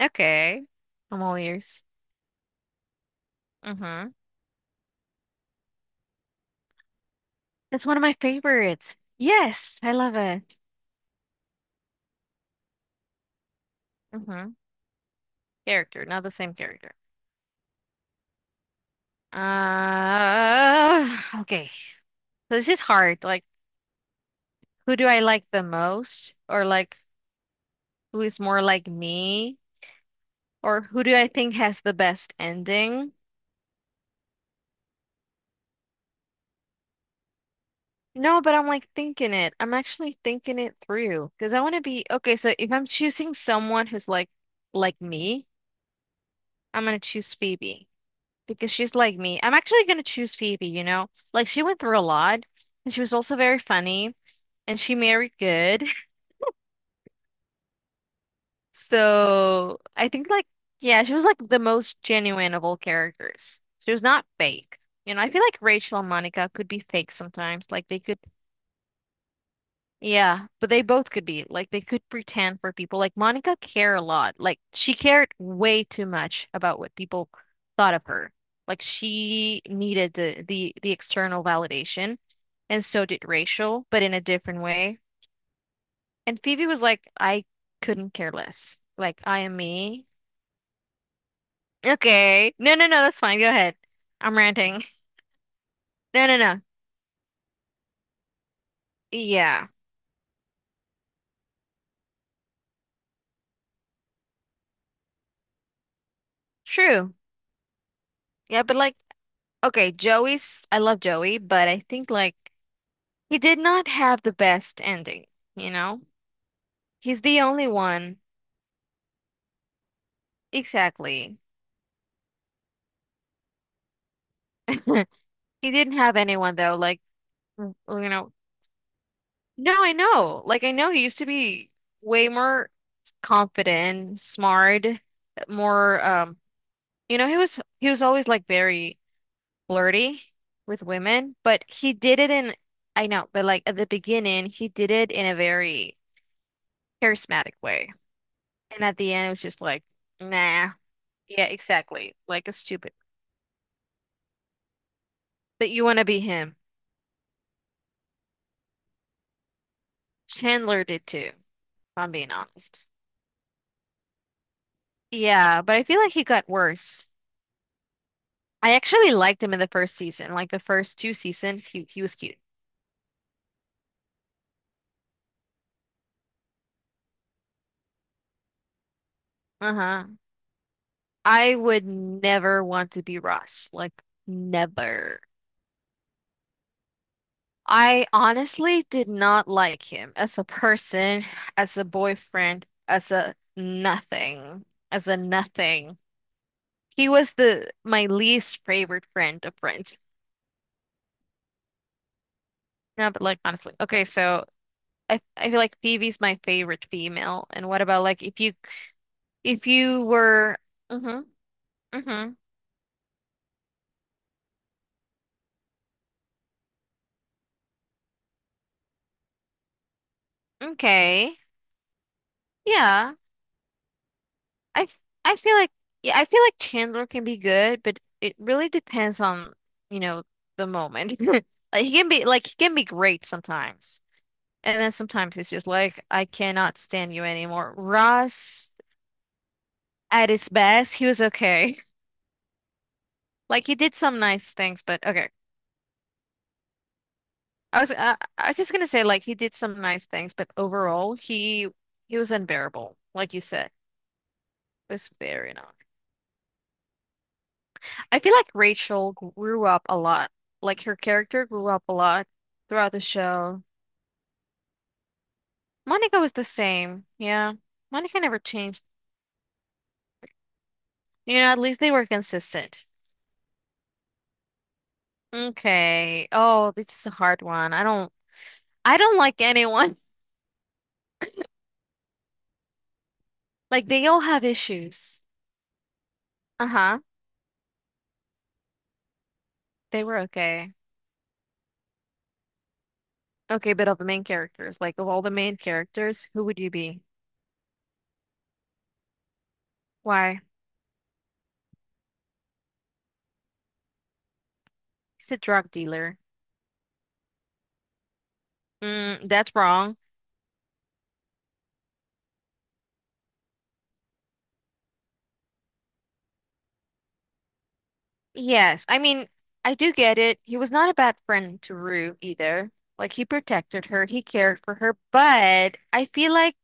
Okay. I'm all ears. Mm-hmm. That's one of my favorites. Yes, I love it. Mm-hmm. Character, not the same character. Uh, okay. So this is hard. Like, who do I like the most? Or like, who is more like me? Or who do I think has the best ending? No, but I'm like thinking it. I'm actually thinking it through because I want to be okay. So if I'm choosing someone who's like me, I'm gonna choose Phoebe, because she's like me. I'm actually gonna choose Phoebe, you know? Like she went through a lot, and she was also very funny, and she married good. So I think like yeah, she was like the most genuine of all characters. She was not fake. You know, I feel like Rachel and Monica could be fake sometimes. Like they could. Yeah, but they both could be like they could pretend for people. Like Monica cared a lot. Like she cared way too much about what people thought of her. Like she needed the external validation, and so did Rachel, but in a different way. And Phoebe was like, I couldn't care less. Like I am me. Okay. No, no, no, that's fine. Go ahead. I'm ranting. No, no, no. Yeah. True. Yeah, but like okay, Joey's, I love Joey, but I think like he did not have the best ending, you know? He's the only one. Exactly. He didn't have anyone though, like you know. No, I know. Like I know he used to be way more confident, smart, more you know, he was always like very flirty with women, but he did it in, I know, but like at the beginning, he did it in a very charismatic way. And at the end it was just like, nah. Yeah, exactly. Like a stupid. But you want to be him. Chandler did too, if I'm being honest. Yeah, but I feel like he got worse. I actually liked him in the first season, like the first two seasons, he was cute. Uh-huh. I would never want to be Ross, like never. I honestly did not like him as a person, as a boyfriend, as a nothing, as a nothing. He was the my least favorite friend of Friends. No, but like honestly. Okay, so I feel like Phoebe's my favorite female. And what about like if you, if you were, hmm, hmm, okay. Yeah. I f- I feel like yeah, I feel like Chandler can be good, but it really depends on, you know, the moment. Like he can be like he can be great sometimes. And then sometimes it's just like I cannot stand you anymore. Ross at his best, he was okay. Like he did some nice things, but okay. I was just gonna say like he did some nice things, but overall he was unbearable, like you said. It was very not. I feel like Rachel grew up a lot. Like her character grew up a lot throughout the show. Monica was the same. Yeah. Monica never changed. You know, at least they were consistent. Okay. Oh, this is a hard one. I don't, I don't like anyone. Like they all have issues. Uh-huh. They were okay. Okay, but of the main characters, like of all the main characters, who would you be? Why? He's a drug dealer. Mm, that's wrong. Yes, I mean, I do get it. He was not a bad friend to Rue either. Like, he protected her, he cared for her, but I feel like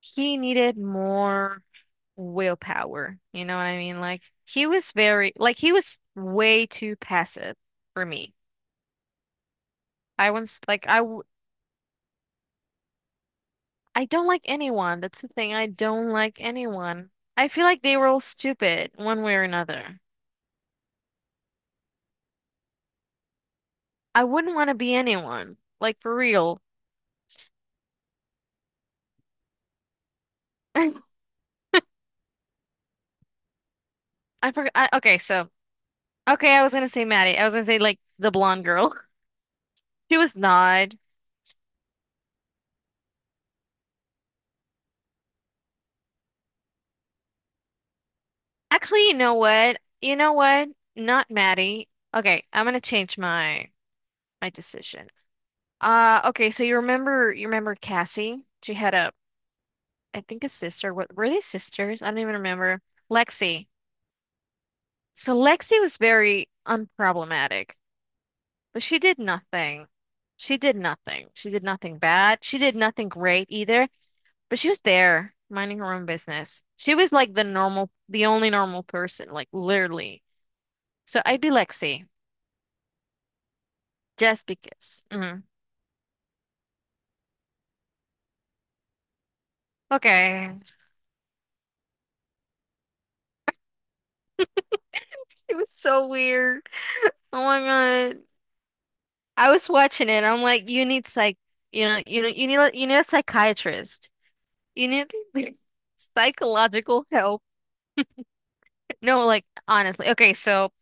he needed more willpower. You know what I mean? Like, he was very, like, he was way too passive for me. I was like, I don't like anyone. That's the thing. I don't like anyone. I feel like they were all stupid one way or another. I wouldn't want to be anyone. Like for real. I forgot. Okay, so okay, I was gonna say Maddie. I was gonna say like the blonde girl. She was not. Actually, you know what? You know what? Not Maddie. Okay, I'm gonna change my decision. Okay. So you remember, you remember Cassie? She had a, I think, a sister. What were they, sisters? I don't even remember. Lexi. So Lexi was very unproblematic. But she did nothing. She did nothing. She did nothing bad. She did nothing great either. But she was there minding her own business. She was like the normal, the only normal person, like literally. So I'd be Lexi just because. Mhm. Okay. It was so weird. Oh my God. I was watching it. I'm like, you need psych, you know, you know, you need, you need a psychiatrist. You need psychological help. No, like honestly. Okay, so.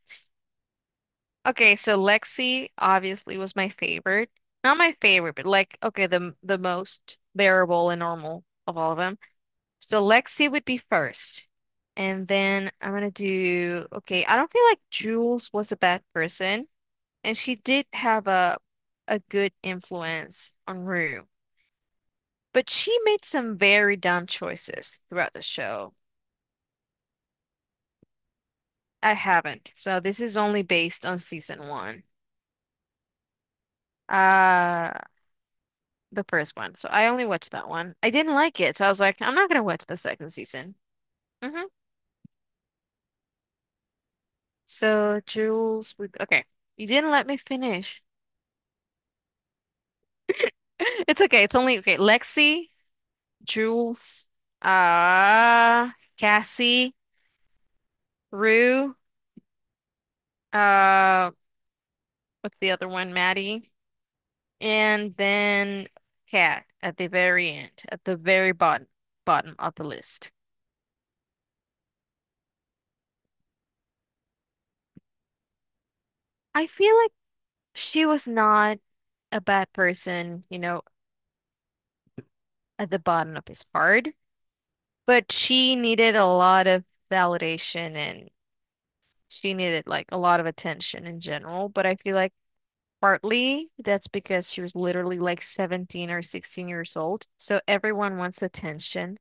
Okay, so Lexi obviously was my favorite. Not my favorite, but like okay, the most bearable and normal of all of them. So Lexi would be first. And then I'm gonna do okay, I don't feel like Jules was a bad person, and she did have a good influence on Rue. But she made some very dumb choices throughout the show. I haven't. So this is only based on season one. Uh the first one. So I only watched that one. I didn't like it, so I was like, I'm not gonna watch the second season. Hmm. So Jules, we, okay, you didn't let me finish. It's okay. It's only okay. Lexi, Jules, uh, Cassie, Rue, uh, what's the other one? Maddie, and then Kat at the very end, at the very bottom of the list. I feel like she was not a bad person, you know. At the bottom is hard, but she needed a lot of validation, and she needed like a lot of attention in general. But I feel like partly that's because she was literally like 17 or 16 years old. So everyone wants attention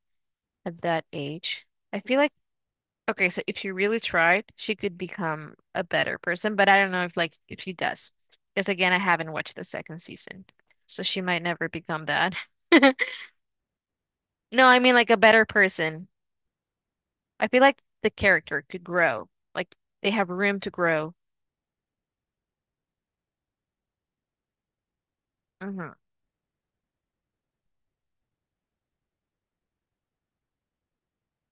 at that age. I feel like, okay, so if she really tried, she could become a better person, but I don't know if like if she does. Because again, I haven't watched the second season. So she might never become that. No, I mean like a better person. I feel like the character could grow. Like they have room to grow. Hmm.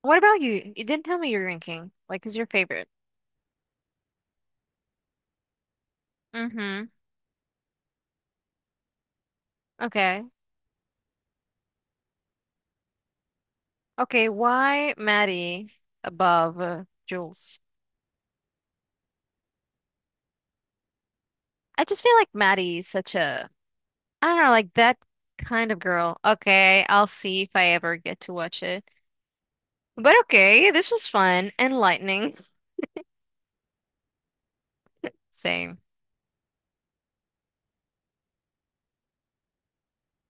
What about you? You didn't tell me your ranking. Like, who's your favorite? Hmm. Okay. Okay, why Maddie above Jules? I just feel like Maddie's such a, I don't know, like that kind of girl. Okay, I'll see if I ever get to watch it. But okay, this was fun, enlightening. Same.